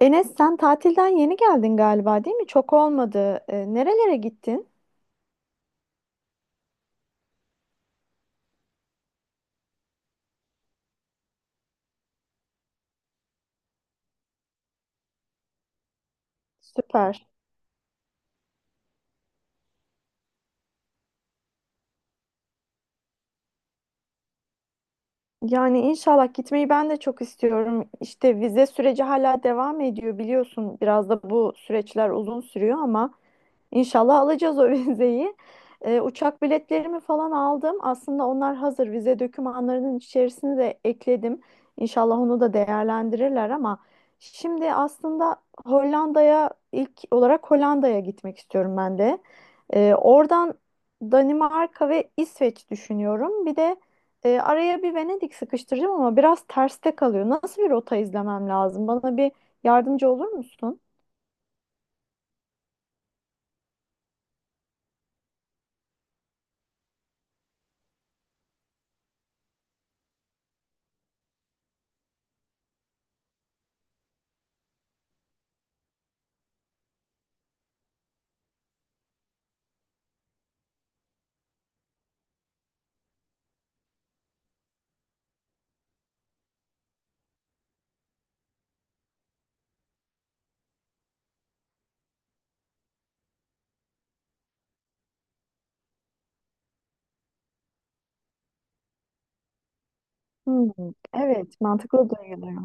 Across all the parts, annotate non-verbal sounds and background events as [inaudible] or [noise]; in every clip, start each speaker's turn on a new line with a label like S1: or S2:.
S1: Enes, sen tatilden yeni geldin galiba, değil mi? Çok olmadı. Nerelere gittin? Süper. Yani inşallah gitmeyi ben de çok istiyorum. İşte vize süreci hala devam ediyor, biliyorsun. Biraz da bu süreçler uzun sürüyor ama inşallah alacağız o [laughs] vizeyi. Uçak biletlerimi falan aldım. Aslında onlar hazır. Vize dokümanlarının içerisine de ekledim. İnşallah onu da değerlendirirler ama şimdi aslında ilk olarak Hollanda'ya gitmek istiyorum ben de. Oradan Danimarka ve İsveç düşünüyorum. Bir de araya bir Venedik sıkıştıracağım ama biraz terste kalıyor. Nasıl bir rota izlemem lazım? Bana bir yardımcı olur musun? Hmm, evet, mantıklı duyuluyor.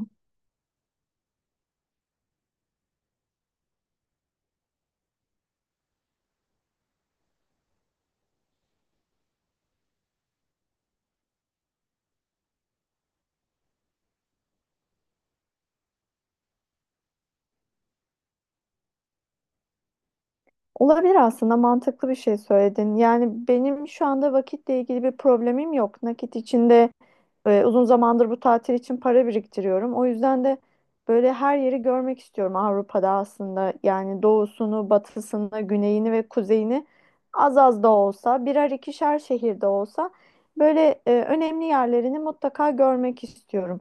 S1: Olabilir, aslında mantıklı bir şey söyledin. Yani benim şu anda vakitle ilgili bir problemim yok. Nakit içinde uzun zamandır bu tatil için para biriktiriyorum. O yüzden de böyle her yeri görmek istiyorum Avrupa'da aslında. Yani doğusunu, batısını, güneyini ve kuzeyini az az da olsa, birer ikişer şehirde olsa böyle önemli yerlerini mutlaka görmek istiyorum.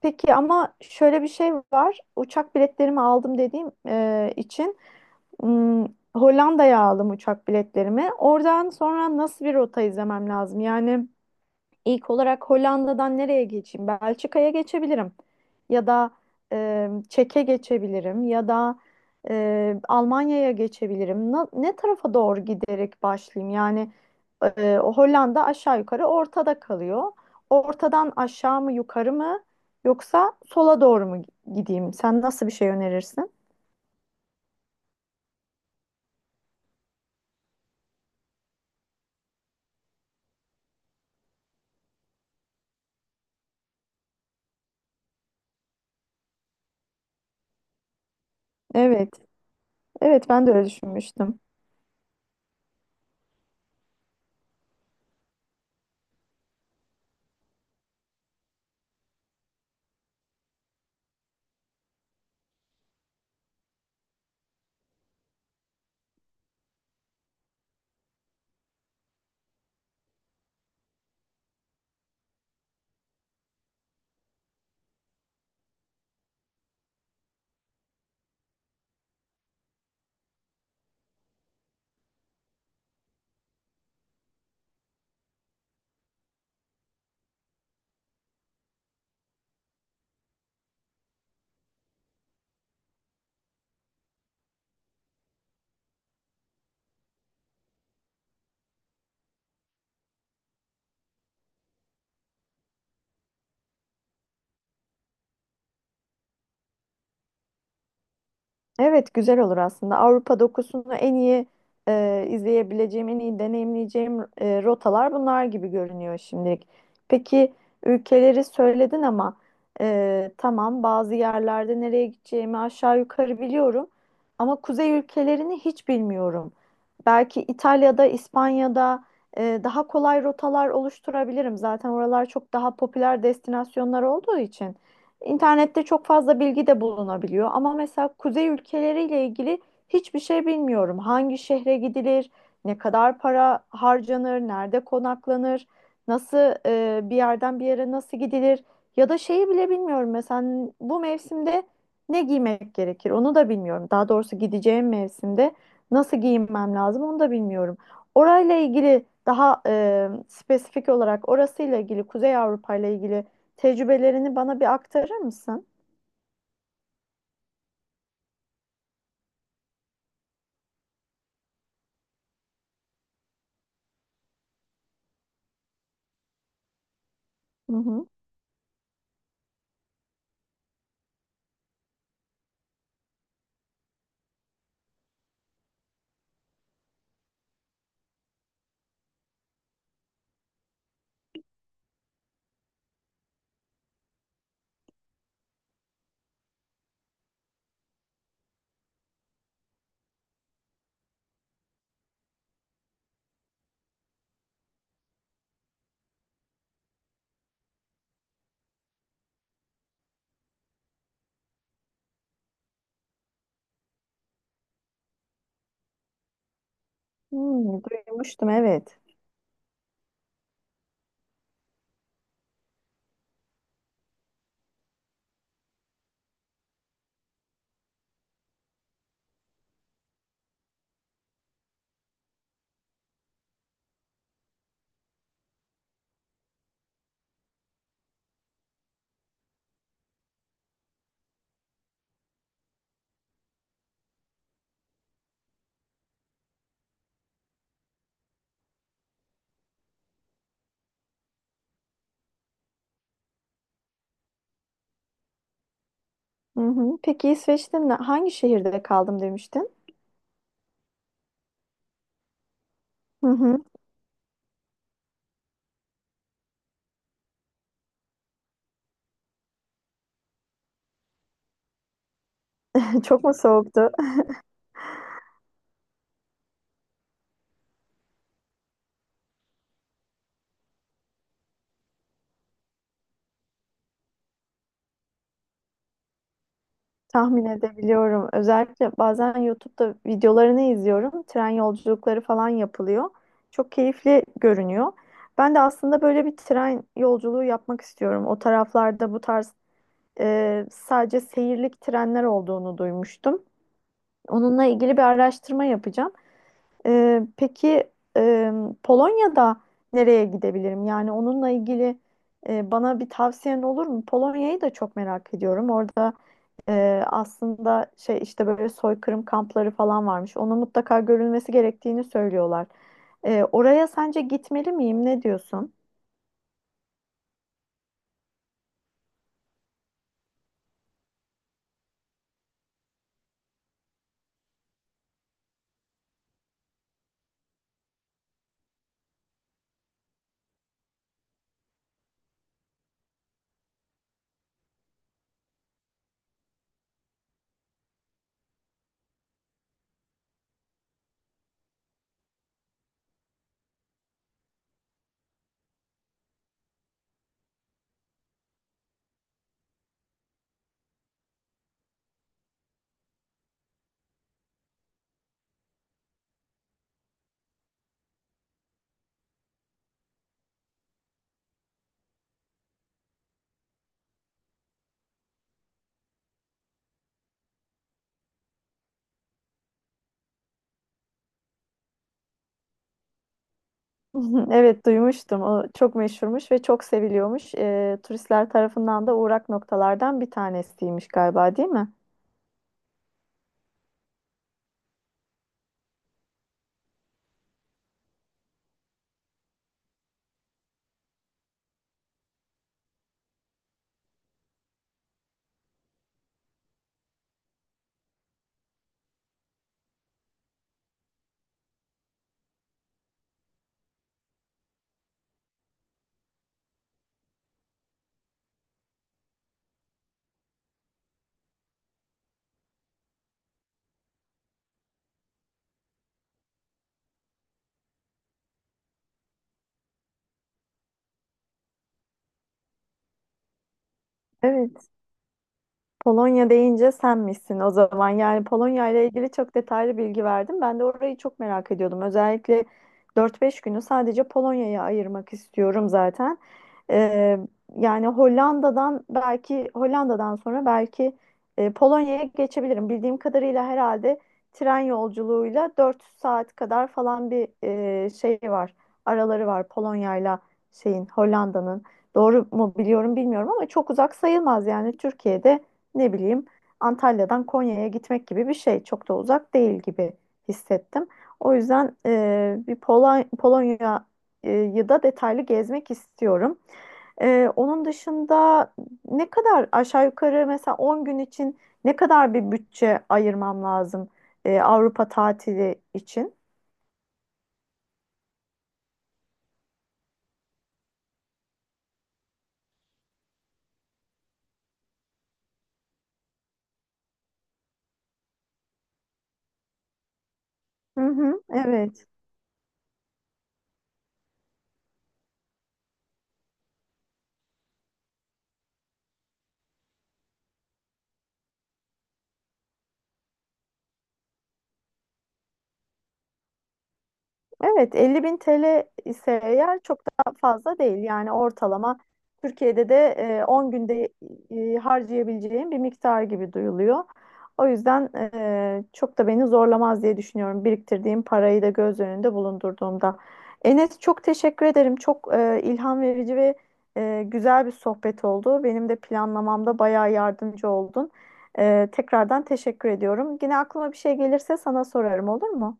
S1: Peki ama şöyle bir şey var. Uçak biletlerimi aldım dediğim için. Hmm, Hollanda'ya aldım uçak biletlerimi. Oradan sonra nasıl bir rota izlemem lazım? Yani ilk olarak Hollanda'dan nereye geçeyim? Belçika'ya geçebilirim. Ya da Çek'e geçebilirim. Ya da Almanya'ya geçebilirim. Ne tarafa doğru giderek başlayayım? Yani o Hollanda aşağı yukarı ortada kalıyor. Ortadan aşağı mı yukarı mı yoksa sola doğru mu gideyim? Sen nasıl bir şey önerirsin? Evet, evet, ben de öyle düşünmüştüm. Evet, güzel olur aslında. Avrupa dokusunu en iyi izleyebileceğim, en iyi deneyimleyeceğim rotalar bunlar gibi görünüyor şimdilik. Peki, ülkeleri söyledin ama tamam, bazı yerlerde nereye gideceğimi aşağı yukarı biliyorum. Ama kuzey ülkelerini hiç bilmiyorum. Belki İtalya'da, İspanya'da daha kolay rotalar oluşturabilirim. Zaten oralar çok daha popüler destinasyonlar olduğu için. İnternette çok fazla bilgi de bulunabiliyor ama mesela kuzey ülkeleriyle ilgili hiçbir şey bilmiyorum. Hangi şehre gidilir, ne kadar para harcanır, nerede konaklanır, nasıl bir yerden bir yere nasıl gidilir ya da şeyi bile bilmiyorum. Mesela bu mevsimde ne giymek gerekir onu da bilmiyorum. Daha doğrusu gideceğim mevsimde nasıl giyinmem lazım onu da bilmiyorum. Orayla ilgili daha spesifik olarak orasıyla ilgili, Kuzey Avrupa ile ilgili tecrübelerini bana bir aktarır mısın? Hı hı. Hmm, duymuştum, evet. Hı hı. Peki İsveç'te hangi şehirde kaldım demiştin? Hı hı. [laughs] Çok mu soğuktu? [laughs] Tahmin edebiliyorum. Özellikle bazen YouTube'da videolarını izliyorum. Tren yolculukları falan yapılıyor. Çok keyifli görünüyor. Ben de aslında böyle bir tren yolculuğu yapmak istiyorum. O taraflarda bu tarz sadece seyirlik trenler olduğunu duymuştum. Onunla ilgili bir araştırma yapacağım. Peki, e, Polonya'da nereye gidebilirim? Yani onunla ilgili bana bir tavsiyen olur mu? Polonya'yı da çok merak ediyorum. Orada aslında şey, işte böyle soykırım kampları falan varmış. Ona mutlaka görülmesi gerektiğini söylüyorlar. Oraya sence gitmeli miyim? Ne diyorsun? [laughs] Evet, duymuştum. O çok meşhurmuş ve çok seviliyormuş. Turistler tarafından da uğrak noktalardan bir tanesiymiş galiba, değil mi? Evet. Polonya deyince sen misin o zaman? Yani Polonya ile ilgili çok detaylı bilgi verdim. Ben de orayı çok merak ediyordum. Özellikle dört beş günü sadece Polonya'ya ayırmak istiyorum zaten. Ee, Yani Hollanda'dan, belki Hollanda'dan sonra belki Polonya'ya geçebilirim. Bildiğim kadarıyla herhalde tren yolculuğuyla 4 saat kadar falan bir şey var. Araları var Polonya'yla şeyin, Hollanda'nın. Doğru mu biliyorum bilmiyorum ama çok uzak sayılmaz. Yani Türkiye'de ne bileyim, Antalya'dan Konya'ya gitmek gibi bir şey. Çok da uzak değil gibi hissettim. O yüzden bir Polonya'yı da detaylı gezmek istiyorum. Onun dışında ne kadar, aşağı yukarı, mesela 10 gün için ne kadar bir bütçe ayırmam lazım Avrupa tatili için? Hı hı, evet. Evet, 50 bin TL ise eğer çok da fazla değil. Yani ortalama Türkiye'de de 10 günde harcayabileceğim bir miktar gibi duyuluyor. O yüzden çok da beni zorlamaz diye düşünüyorum. Biriktirdiğim parayı da göz önünde bulundurduğumda. Enes, çok teşekkür ederim. Çok ilham verici ve güzel bir sohbet oldu. Benim de planlamamda bayağı yardımcı oldun. Tekrardan teşekkür ediyorum. Yine aklıma bir şey gelirse sana sorarım, olur mu?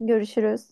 S1: Görüşürüz.